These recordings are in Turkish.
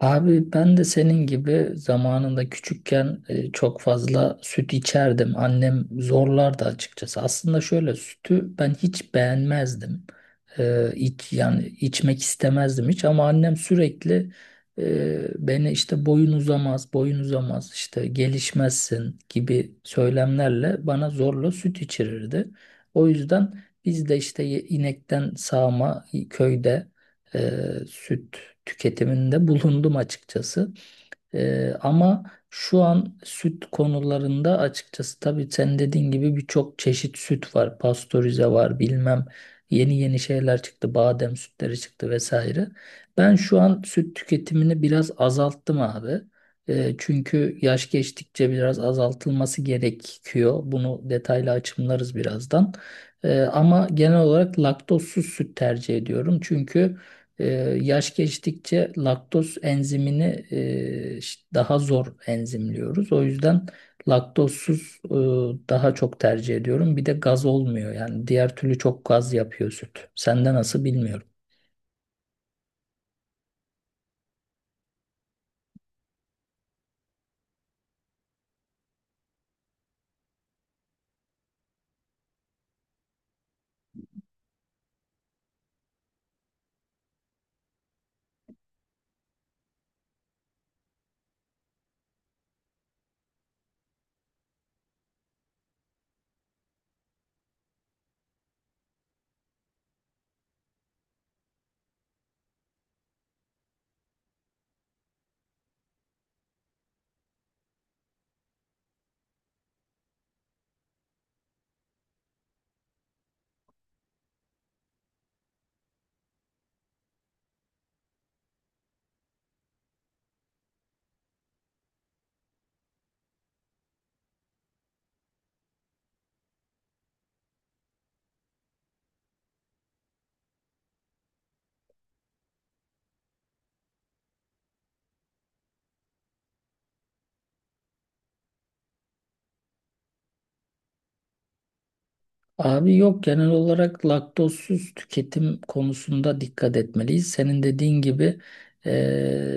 Abi ben de senin gibi zamanında küçükken çok fazla süt içerdim. Annem zorlardı açıkçası. Aslında şöyle sütü ben hiç beğenmezdim. Yani içmek istemezdim hiç ama annem sürekli beni işte boyun uzamaz, boyun uzamaz, işte gelişmezsin gibi söylemlerle bana zorla süt içirirdi. O yüzden biz de işte inekten sağma köyde e, süt tüketiminde bulundum açıkçası. Ama şu an süt konularında açıkçası tabii sen dediğin gibi birçok çeşit süt var. Pastörize var bilmem yeni yeni şeyler çıktı. Badem sütleri çıktı vesaire. Ben şu an süt tüketimini biraz azalttım abi. Çünkü yaş geçtikçe biraz azaltılması gerekiyor. Bunu detaylı açımlarız birazdan. Ama genel olarak laktozsuz süt tercih ediyorum. Çünkü ee, yaş geçtikçe laktoz enzimini daha zor enzimliyoruz. O yüzden laktozsuz daha çok tercih ediyorum. Bir de gaz olmuyor yani diğer türlü çok gaz yapıyor süt. Sende nasıl bilmiyorum. Abi yok, genel olarak laktozsuz tüketim konusunda dikkat etmeliyiz. Senin dediğin gibi e,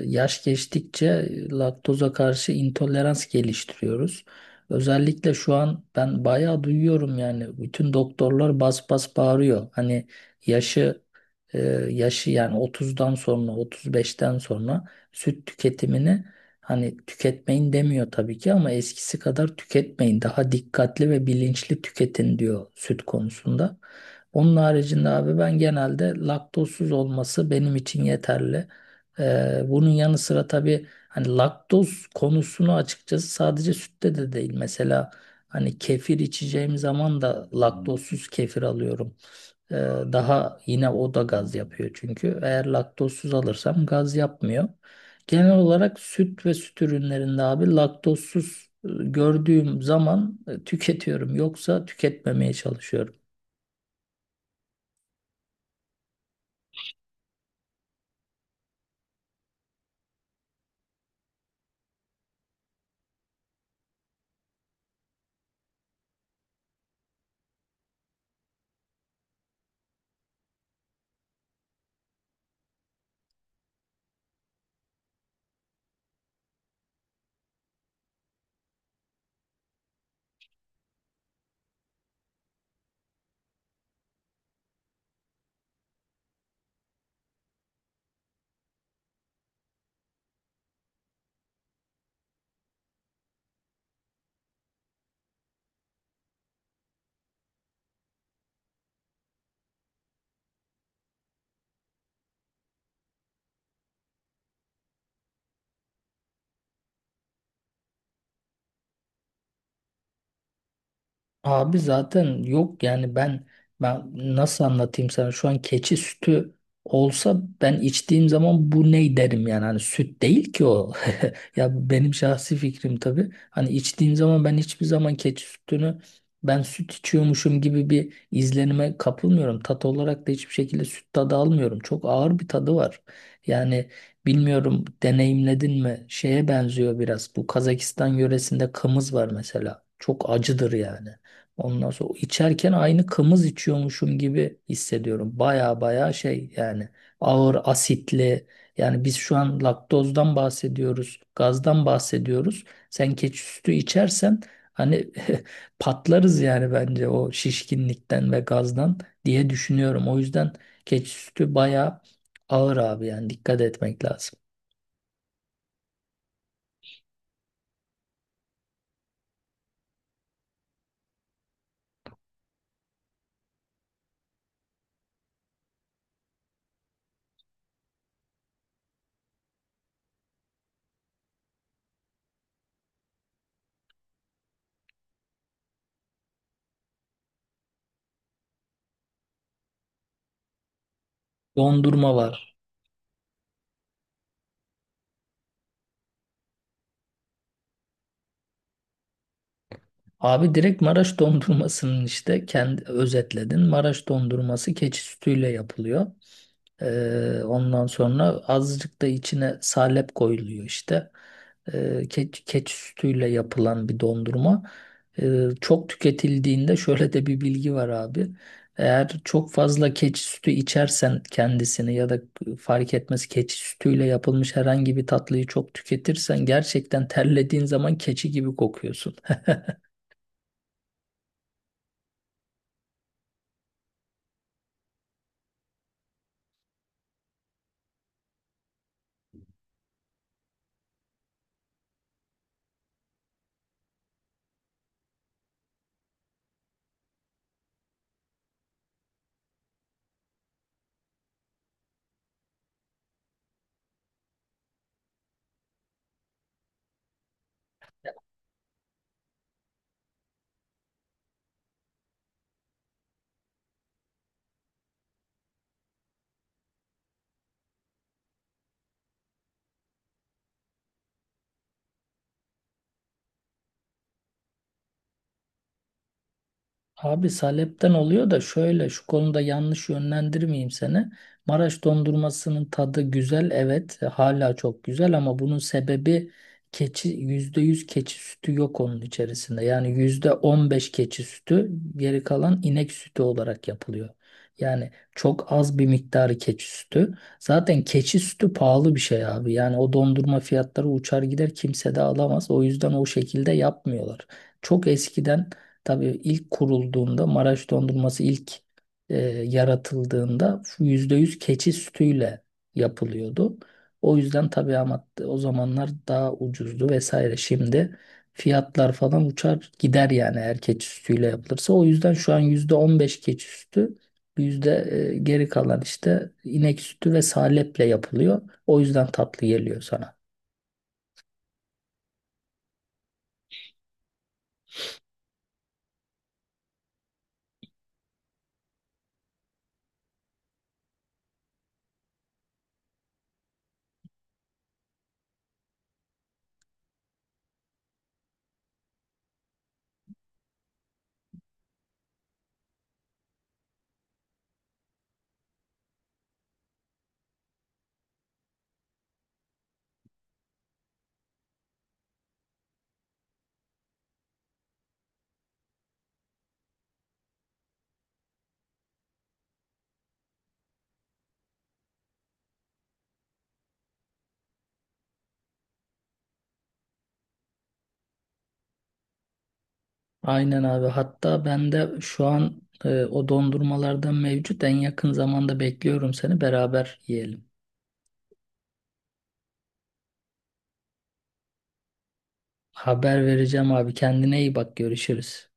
yaş geçtikçe laktoza karşı intolerans geliştiriyoruz. Özellikle şu an ben bayağı duyuyorum, yani bütün doktorlar bas bas bağırıyor. Hani yaşı e, yaşı yani 30'dan sonra, 35'ten sonra süt tüketimini, hani tüketmeyin demiyor tabii ki ama eskisi kadar tüketmeyin. Daha dikkatli ve bilinçli tüketin diyor süt konusunda. Onun haricinde abi ben genelde laktozsuz olması benim için yeterli. Bunun yanı sıra tabii hani laktoz konusunu açıkçası sadece sütte de değil. Mesela hani kefir içeceğim zaman da laktozsuz kefir alıyorum. Ee, Daha yine o da gaz yapıyor çünkü. Eğer laktozsuz alırsam gaz yapmıyor. Genel olarak süt ve süt ürünlerinde abi laktozsuz gördüğüm zaman tüketiyorum. Yoksa tüketmemeye çalışıyorum. Abi zaten yok yani ben nasıl anlatayım sana, şu an keçi sütü olsa ben içtiğim zaman bu ne derim yani, hani süt değil ki o. Ya benim şahsi fikrim tabii, hani içtiğim zaman ben hiçbir zaman keçi sütünü ben süt içiyormuşum gibi bir izlenime kapılmıyorum, tat olarak da hiçbir şekilde süt tadı almıyorum, çok ağır bir tadı var yani. Bilmiyorum deneyimledin mi, şeye benziyor biraz bu Kazakistan yöresinde kımız var mesela, çok acıdır yani. Ondan sonra içerken aynı kımız içiyormuşum gibi hissediyorum. Baya baya şey yani, ağır asitli. Yani biz şu an laktozdan bahsediyoruz, gazdan bahsediyoruz. Sen keçi sütü içersen hani patlarız yani, bence o şişkinlikten ve gazdan diye düşünüyorum. O yüzden keçi sütü baya ağır abi, yani dikkat etmek lazım. Dondurma var. Abi direkt Maraş dondurmasının işte kendi özetledin. Maraş dondurması keçi sütüyle yapılıyor. Ondan sonra azıcık da içine salep koyuluyor işte. Keçi sütüyle yapılan bir dondurma. Çok tüketildiğinde şöyle de bir bilgi var abi. Eğer çok fazla keçi sütü içersen kendisini, ya da fark etmez keçi sütüyle yapılmış herhangi bir tatlıyı çok tüketirsen, gerçekten terlediğin zaman keçi gibi kokuyorsun. Abi salepten oluyor da, şöyle şu konuda yanlış yönlendirmeyeyim seni. Maraş dondurmasının tadı güzel, evet hala çok güzel, ama bunun sebebi keçi, %100 keçi sütü yok onun içerisinde. Yani %15 keçi sütü, geri kalan inek sütü olarak yapılıyor. Yani çok az bir miktarı keçi sütü. Zaten keçi sütü pahalı bir şey abi. Yani o dondurma fiyatları uçar gider, kimse de alamaz. O yüzden o şekilde yapmıyorlar. Çok eskiden, tabii ilk kurulduğunda Maraş dondurması ilk yaratıldığında %100 keçi sütüyle yapılıyordu. O yüzden tabii, ama o zamanlar daha ucuzdu vesaire. Şimdi fiyatlar falan uçar gider yani, eğer keçi sütüyle yapılırsa. O yüzden şu an %15 keçi sütü, yüzde geri kalan işte inek sütü ve saleple yapılıyor. O yüzden tatlı geliyor sana. Aynen abi. Hatta ben de şu an o dondurmalardan mevcut. En yakın zamanda bekliyorum seni. Beraber yiyelim. Haber vereceğim abi. Kendine iyi bak. Görüşürüz.